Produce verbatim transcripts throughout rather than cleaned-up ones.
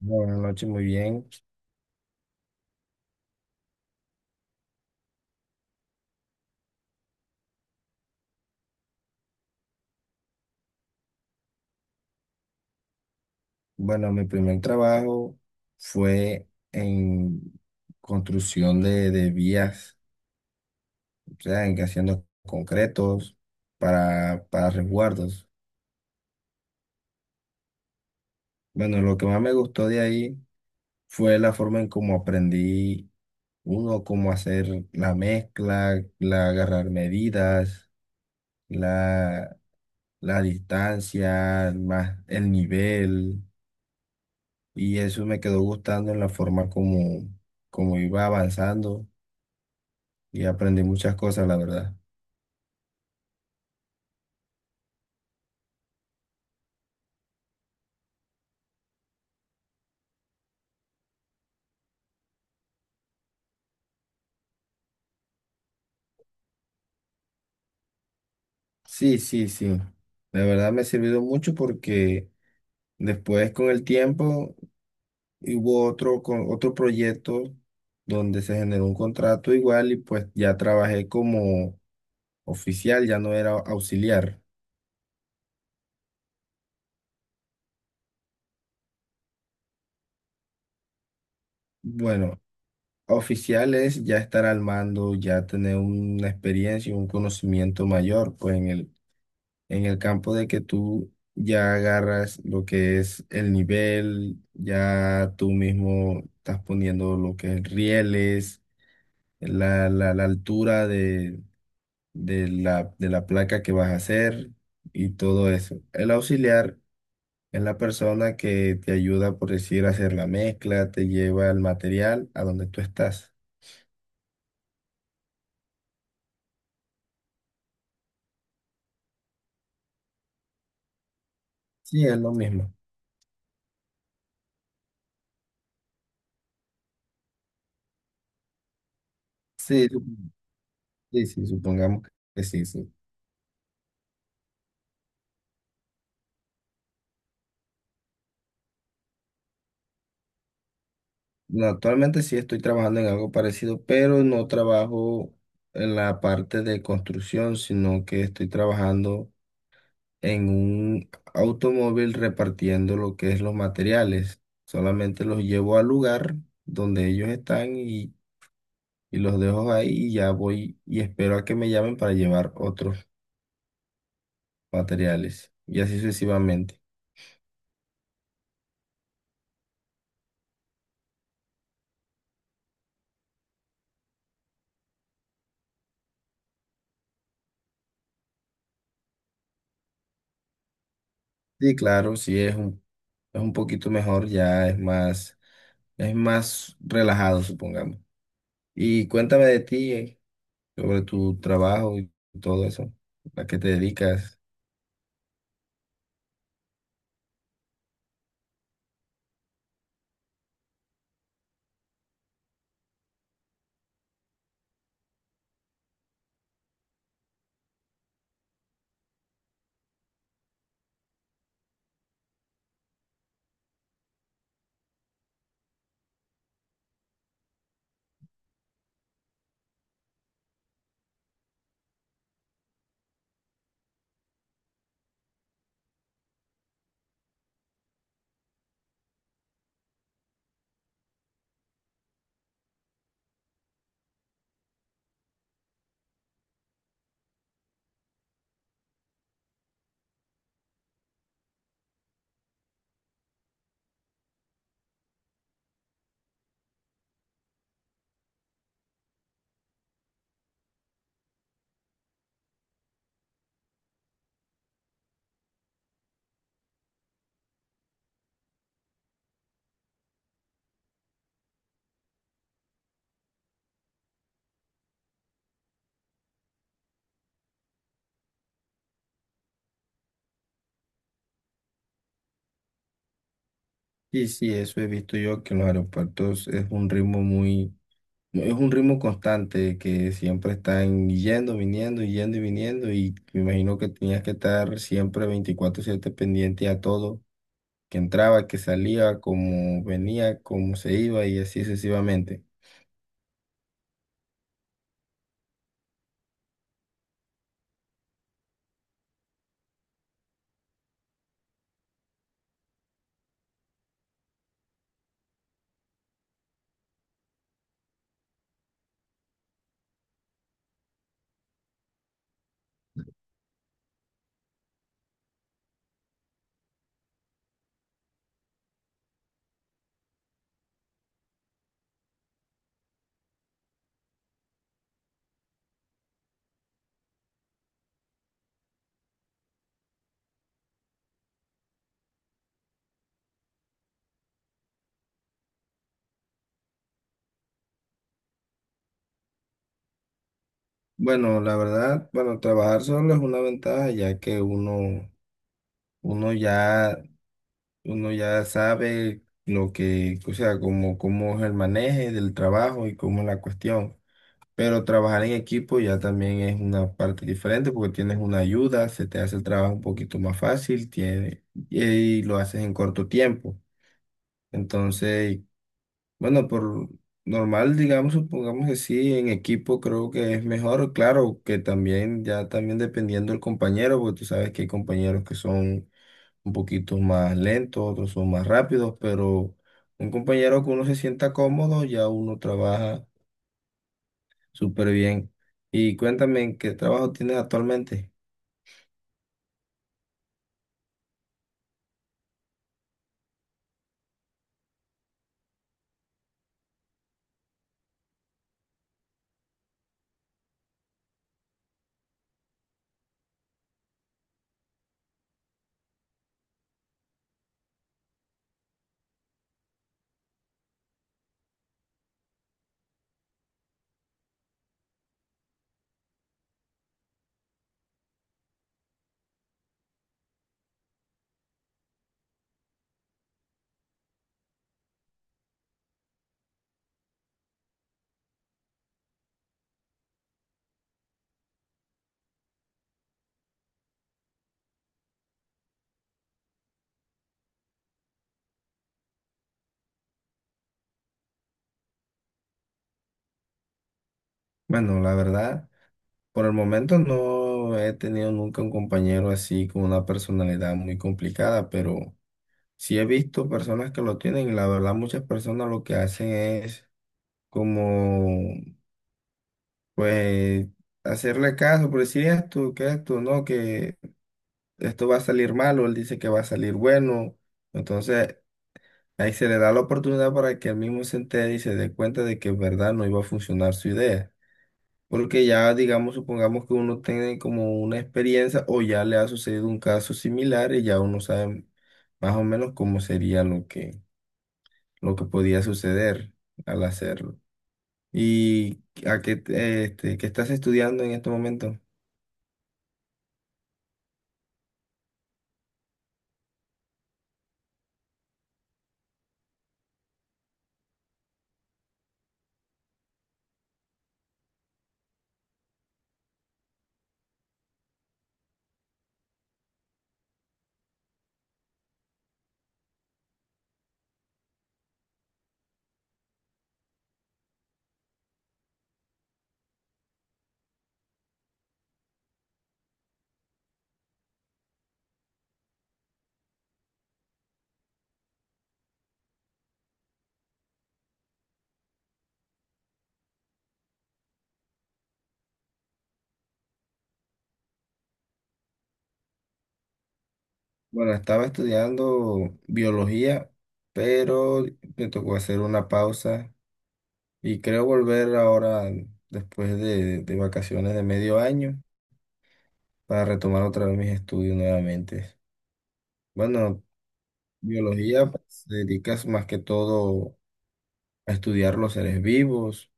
Buenas noches, muy bien. Bueno, mi primer trabajo fue en construcción de, de vías, o sea, en que haciendo concretos para, para resguardos. Bueno, lo que más me gustó de ahí fue la forma en cómo aprendí uno, cómo hacer la mezcla, la agarrar medidas, la, la distancia, más el nivel. Y eso me quedó gustando en la forma como, como iba avanzando y aprendí muchas cosas, la verdad. Sí, sí, sí. La verdad me ha servido mucho porque después con el tiempo hubo otro, con otro proyecto donde se generó un contrato igual y pues ya trabajé como oficial, ya no era auxiliar. Bueno, oficial es ya estar al mando, ya tener una experiencia, un conocimiento mayor pues en el, en el campo de que tú ya agarras lo que es el nivel, ya tú mismo estás poniendo lo que es rieles, la, la, la altura de, de la, de la placa que vas a hacer y todo eso. El auxiliar es la persona que te ayuda, por decir, a hacer la mezcla, te lleva el material a donde tú estás. Sí, es lo mismo. Sí, sup- sí, sí, supongamos que sí. Sí. No, actualmente sí estoy trabajando en algo parecido, pero no trabajo en la parte de construcción, sino que estoy trabajando en un automóvil repartiendo lo que es los materiales. Solamente los llevo al lugar donde ellos están y, y los dejo ahí y ya voy y espero a que me llamen para llevar otros materiales y así sucesivamente. Sí, claro, sí es un, es un poquito mejor, ya es más, es más relajado, supongamos. Y cuéntame de ti, eh, sobre tu trabajo y todo eso, a qué te dedicas. Sí, sí, eso he visto yo que en los aeropuertos es un ritmo muy, es un ritmo constante, que siempre están yendo, viniendo, yendo y viniendo, y me imagino que tenías que estar siempre veinticuatro siete pendiente a todo, que entraba, que salía, cómo venía, cómo se iba y así sucesivamente. Bueno, la verdad, bueno, trabajar solo es una ventaja ya que uno, uno ya uno ya sabe lo que, o sea, cómo, cómo es el manejo del trabajo y cómo es la cuestión. Pero trabajar en equipo ya también es una parte diferente porque tienes una ayuda, se te hace el trabajo un poquito más fácil, tiene, y lo haces en corto tiempo. Entonces, bueno, por normal, digamos, supongamos que sí, en equipo creo que es mejor, claro, que también, ya también dependiendo del compañero, porque tú sabes que hay compañeros que son un poquito más lentos, otros son más rápidos, pero un compañero que uno se sienta cómodo, ya uno trabaja súper bien. Y cuéntame, ¿en ¿qué trabajo tienes actualmente? Bueno, la verdad, por el momento no he tenido nunca un compañero así con una personalidad muy complicada, pero sí he visto personas que lo tienen, y la verdad muchas personas lo que hacen es como, pues, hacerle caso, por decir esto, que esto, no, que esto va a salir malo, él dice que va a salir bueno. Entonces, ahí se le da la oportunidad para que él mismo se entere y se dé cuenta de que en verdad no iba a funcionar su idea. Porque ya, digamos, supongamos que uno tiene como una experiencia o ya le ha sucedido un caso similar y ya uno sabe más o menos cómo sería lo que, lo que podía suceder al hacerlo. ¿Y a qué, te- este, qué estás estudiando en este momento? Bueno, estaba estudiando biología, pero me tocó hacer una pausa y creo volver ahora después de, de vacaciones de medio año para retomar otra vez mis estudios nuevamente. Bueno, biología pues, se dedica más que todo a estudiar los seres vivos,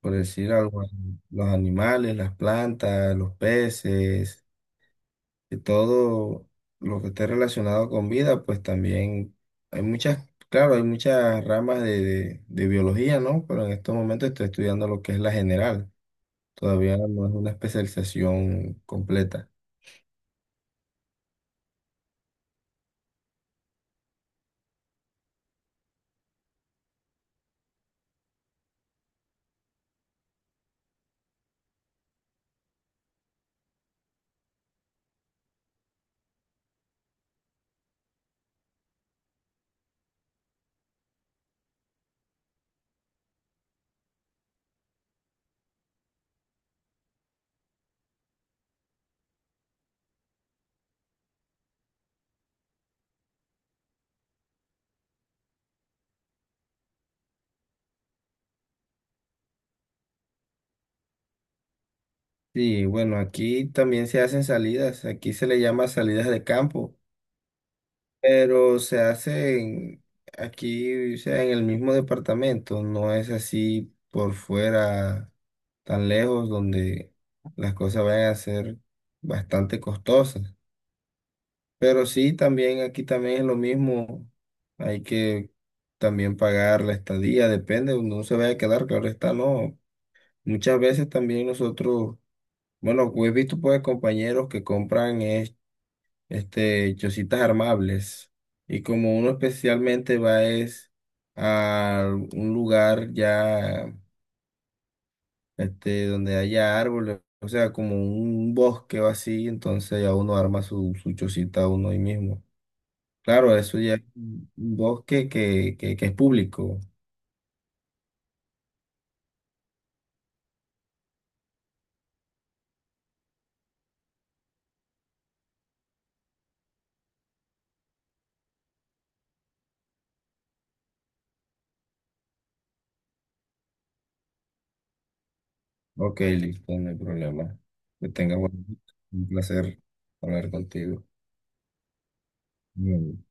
por decir algo, los animales, las plantas, los peces y todo lo que esté relacionado con vida, pues también hay muchas, claro, hay muchas ramas de, de- de biología, ¿no? Pero en estos momentos estoy estudiando lo que es la general. Todavía no es una especialización completa. Sí, bueno, aquí también se hacen salidas, aquí se le llama salidas de campo, pero se hacen aquí, o sea, en el mismo departamento, no es así por fuera tan lejos donde las cosas vayan a ser bastante costosas. Pero sí, también aquí también es lo mismo. Hay que también pagar la estadía, depende, uno se vaya a quedar, claro está, no. Muchas veces también nosotros, bueno, he visto pues compañeros que compran es- este, chocitas armables y como uno especialmente va es a un lugar ya este, donde haya árboles, o sea, como un bosque o así, entonces ya uno arma su, su chocita uno ahí mismo. Claro, eso ya es un un bosque que, que, que es público. Ok, listo, no hay problema. Que tenga buen, un placer hablar contigo. Mm.